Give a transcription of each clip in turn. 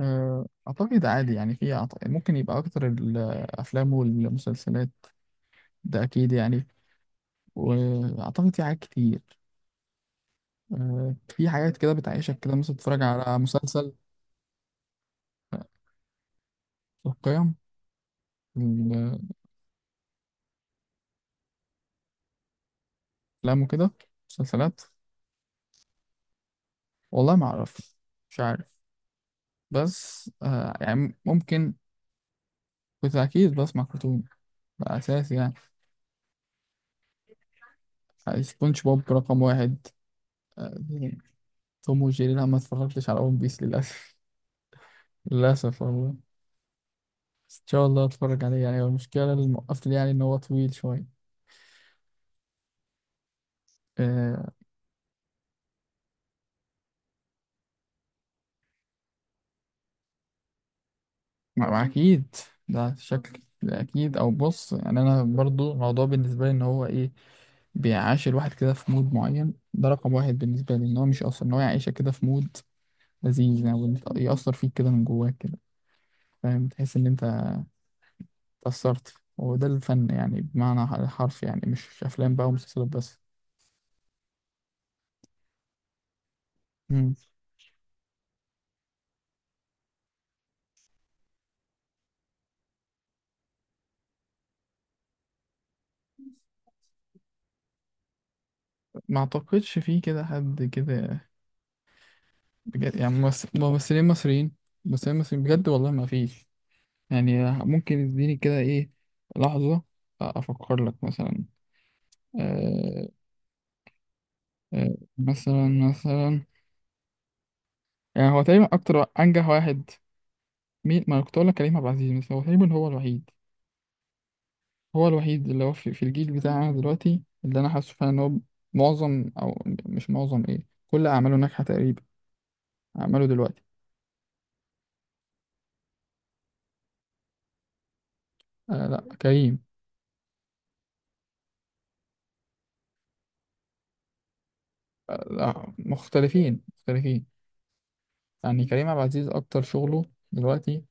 أعتقد عادي يعني في ممكن يبقى أكتر الأفلام والمسلسلات. ده أكيد يعني. وأعتقد في حاجات كتير. في حاجات كده بتعيشك كده، مثلا تتفرج على مسلسل. القيم. الأفلام وكده. مسلسلات. والله ما أعرف. مش عارف. بس يعني ممكن. كنت أكيد بسمع كرتون. ده أساسي يعني. سبونج بوب رقم واحد. أه، توم وجيري، لا، ما اتفرجتش على ون بيس للأسف. للأسف والله. شاء الله اتفرج عليه. يعني هو المشكله اللي موقفني يعني ان هو طويل شويه. آه ما اكيد. ده شكل، ده اكيد، او بص. يعني انا برضو الموضوع بالنسبه لي ان هو ايه، بيعاش الواحد كده في مود معين. ده رقم واحد بالنسبه لي، ان هو مش اصلا ان هو يعيشك كده في مود لذيذ يعني، يأثر فيك كده من جواك كده، فاهم؟ تحس ان انت اتأثرت، وده الفن يعني بمعنى الحرف، يعني مش افلام بقى ومسلسلات بس. مم. ما اعتقدش في كده حد كده بجد يعني. ممثلين مصريين. ممثلين مصريين بجد، والله ما فيش. يعني ممكن اديني كده ايه، لحظة، افكر لك مثلا. آه مثلا يعني هو تقريبا اكتر انجح واحد. مين؟ ما أنا كنت اقول لك كريم عبد العزيز. بس هو تقريبا هو الوحيد اللي هو في الجيل بتاعنا دلوقتي، اللي انا حاسه فعلا ان هو معظم، او مش معظم، ايه، كل اعماله ناجحة تقريبا، اعماله دلوقتي. لا، كريم. لا، مختلفين مختلفين. يعني كريم عبد العزيز أكتر شغله دلوقتي،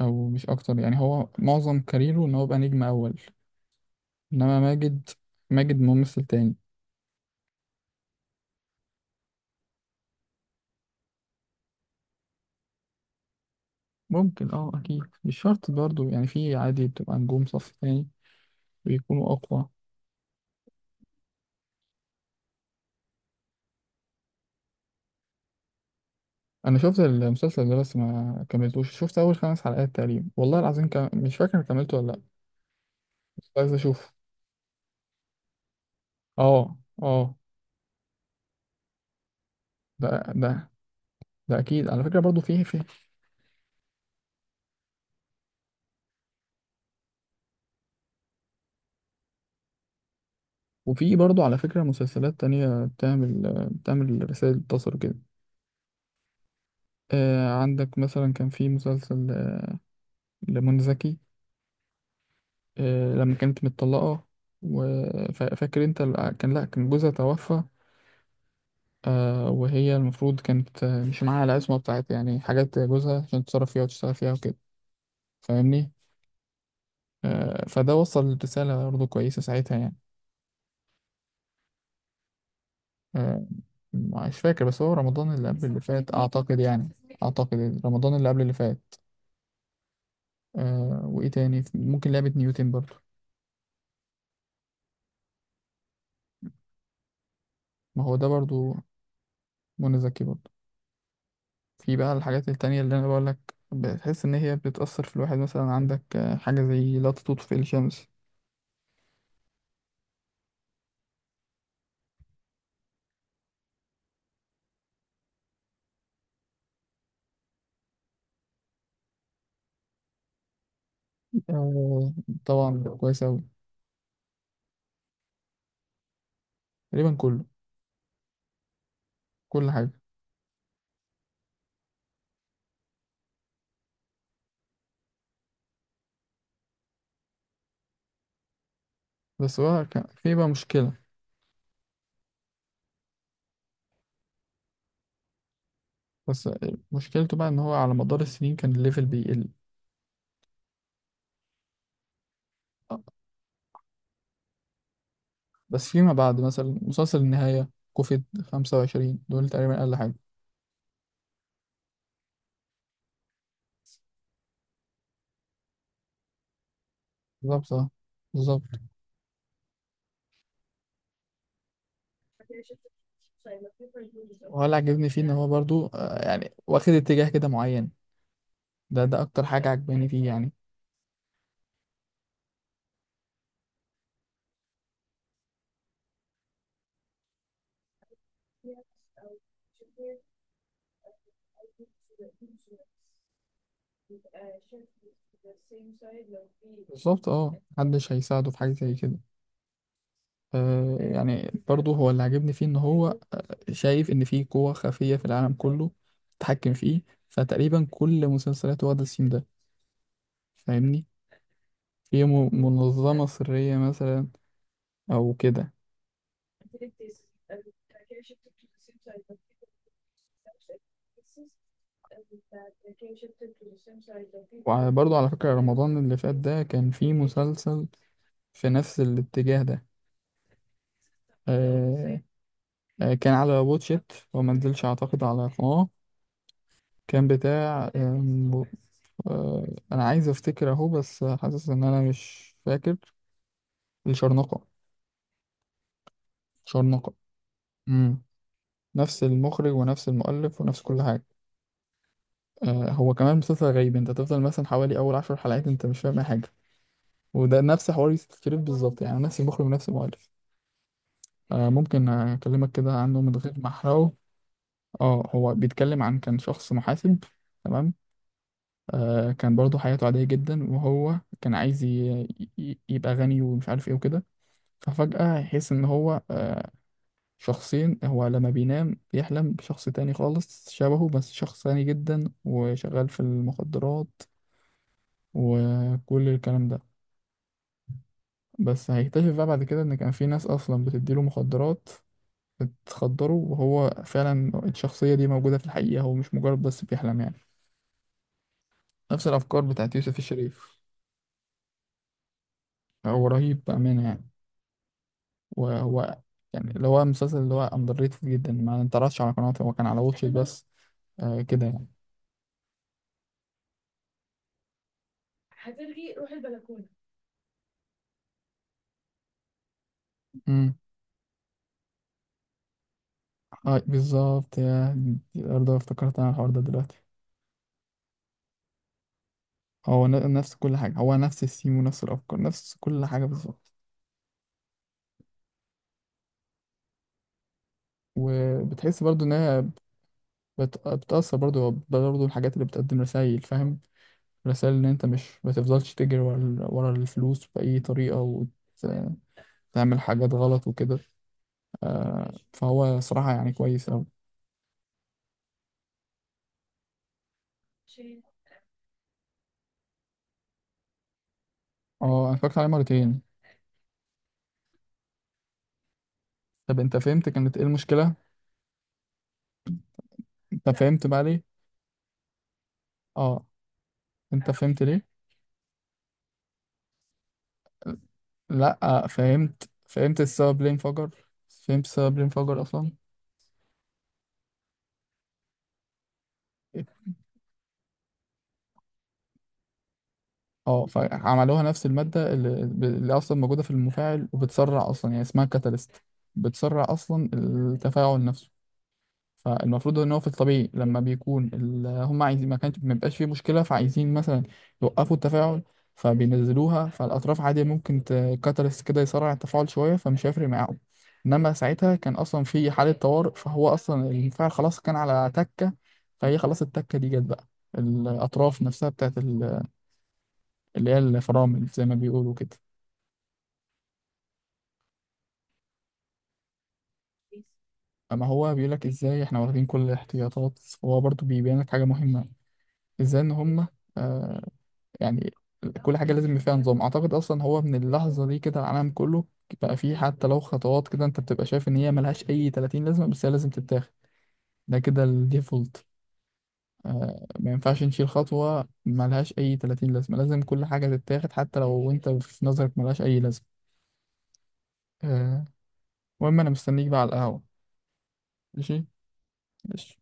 أو مش أكتر يعني، هو معظم كاريره إن هو يبقى نجم أول. إنما ماجد ممثل تاني. ممكن، أكيد مش شرط برضه. يعني في عادي بتبقى نجوم صف تاني بيكونوا أقوى. أنا شفت المسلسل ده بس ما كملتوش، شفت أول 5 حلقات تقريبا، والله العظيم مش فاكر كملته ولا لأ. بس عايز أشوف. أه أه ده ده ده أكيد على فكرة برضه، فيه. وفي برضه على فكرة مسلسلات تانية بتعمل رسائل تصل كده. عندك مثلا كان في مسلسل لمنى زكي. لما كانت متطلقة، وفاكر انت كان، لا، كان جوزها توفى. وهي المفروض كانت مش معاها العصمة بتاعت، يعني حاجات جوزها عشان تتصرف فيها وتشتغل فيها وكده، فاهمني؟ فده وصل رسالة برضه كويسة ساعتها يعني. آه مش فاكر، بس هو رمضان اللي قبل اللي فات أعتقد يعني، أعتقد رمضان اللي قبل اللي فات. وإيه تاني؟ ممكن لعبة نيوتن برضه. ما هو ده برضه، منى زكي برضه. في بقى الحاجات التانية اللي أنا بقولك بتحس إن هي بتأثر في الواحد. مثلا عندك حاجة زي لا تطفئ الشمس. آه، طبعا كويس أوي. تقريبا كله. كل حاجة. بس هو كان في بقى مشكلة، بس مشكلته بقى إن هو على مدار السنين كان الليفل بيقل. آه، بس فيما بعد، مثلا مسلسل النهاية كوفيد 25، دول تقريبا أقل حاجة. بالظبط. بالظبط. وهو اللي عجبني فيه إن هو برضو، يعني واخد اتجاه كده معين. ده أكتر حاجة عجباني فيه يعني. بالظبط، اه، محدش هيساعده في حاجة زي كده. يعني برضه هو اللي عجبني فيه ان هو شايف ان في قوة خفية في العالم كله تتحكم فيه. فتقريبا كل مسلسلاته واخدة السيم ده، فاهمني؟ في منظمة سرية مثلا، او كده. وبرضه على فكرة رمضان اللي فات، ده كان فيه مسلسل في نفس الاتجاه ده. آه كان على واتشيت وما نزلش اعتقد على قناة. كان بتاع آه، انا عايز افتكر اهو، بس حاسس ان انا مش فاكر. الشرنقة. شرنقة. امم نفس المخرج ونفس المؤلف ونفس كل حاجة. هو كمان مسلسل غريب، انت تفضل مثلا حوالي اول 10 حلقات انت مش فاهم أي حاجة. وده نفس حوار يوسف شريف بالظبط، يعني نفس المخرج ونفس المؤلف. ممكن اكلمك كده عنه من غير ما احرقه. اه هو بيتكلم عن، كان شخص محاسب، تمام. كان برضه حياته عادية جدا، وهو كان عايز يبقى غني ومش عارف ايه وكده. ففجأة يحس إن هو شخصين. هو لما بينام بيحلم بشخص تاني خالص شبهه، بس شخص غني جدا وشغال في المخدرات وكل الكلام ده. بس هيكتشف بقى بعد كده إن كان في ناس أصلا بتديله مخدرات، بتخدره. وهو فعلا الشخصية دي موجودة في الحقيقة، هو مش مجرد بس بيحلم يعني. نفس الأفكار بتاعت يوسف الشريف. هو رهيب بأمانة يعني. وهو يعني اللي هو المسلسل اللي هو أندر ريتد جدا، ما انتعرضش على قناته، هو كان على واتشت بس. كده يعني. اه بالظبط، يا دي برضه افتكرت انا الحوار ده دلوقتي. هو نفس كل حاجة، هو نفس الثيم ونفس الأفكار، نفس كل حاجة بالظبط. وبتحس برضه إنها بتأثر. برضه الحاجات اللي بتقدم رسائل، فاهم؟ رسائل إن أنت مش، ما تفضلش تجري ورا الفلوس بأي طريقة وتعمل حاجات غلط وكده. فهو صراحة يعني كويس أوي. اه أنا اتفرجت عليه مرتين. طب أنت فهمت كانت إيه المشكلة؟ أنت فهمت بقى ليه؟ اه، أنت فهمت ليه؟ لا، فهمت السبب ليه انفجر. فهمت السبب ليه انفجر اصلا. اه فعملوها نفس المادة اللي اصلا موجودة في المفاعل وبتسرع اصلا، يعني اسمها كاتاليست، بتسرع اصلا التفاعل نفسه. فالمفروض ان هو في الطبيعي، لما بيكون هم عايزين، ما كانش، ما بيبقاش فيه مشكله، فعايزين مثلا يوقفوا التفاعل، فبينزلوها فالاطراف عادي. ممكن كاتاليست كده يسرع التفاعل شويه، فمش هيفرق معاهم. انما ساعتها كان اصلا في حاله طوارئ، فهو اصلا المفاعل خلاص كان على تكه، فهي خلاص التكه دي جت بقى. الاطراف نفسها بتاعت اللي هي الفرامل زي ما بيقولوا كده. اما هو بيقول لك ازاي احنا واخدين كل الاحتياطات، وهو برضو بيبين لك حاجه مهمه، ازاي ان هم، آه، يعني كل حاجة لازم يبقى فيها نظام. أعتقد أصلا هو من اللحظة دي كده العالم كله بقى فيه، حتى لو خطوات كده أنت بتبقى شايف إن هي ملهاش أي 30 لازمة، بس هي لازم تتاخد. ده كده الديفولت. ما ينفعش نشيل خطوة ملهاش أي 30 لازمة. لازم كل حاجة تتاخد، حتى لو أنت في نظرك ملهاش أي لازمة. آه المهم، أنا مستنيك بقى على القهوة. ماشي؟ ماشي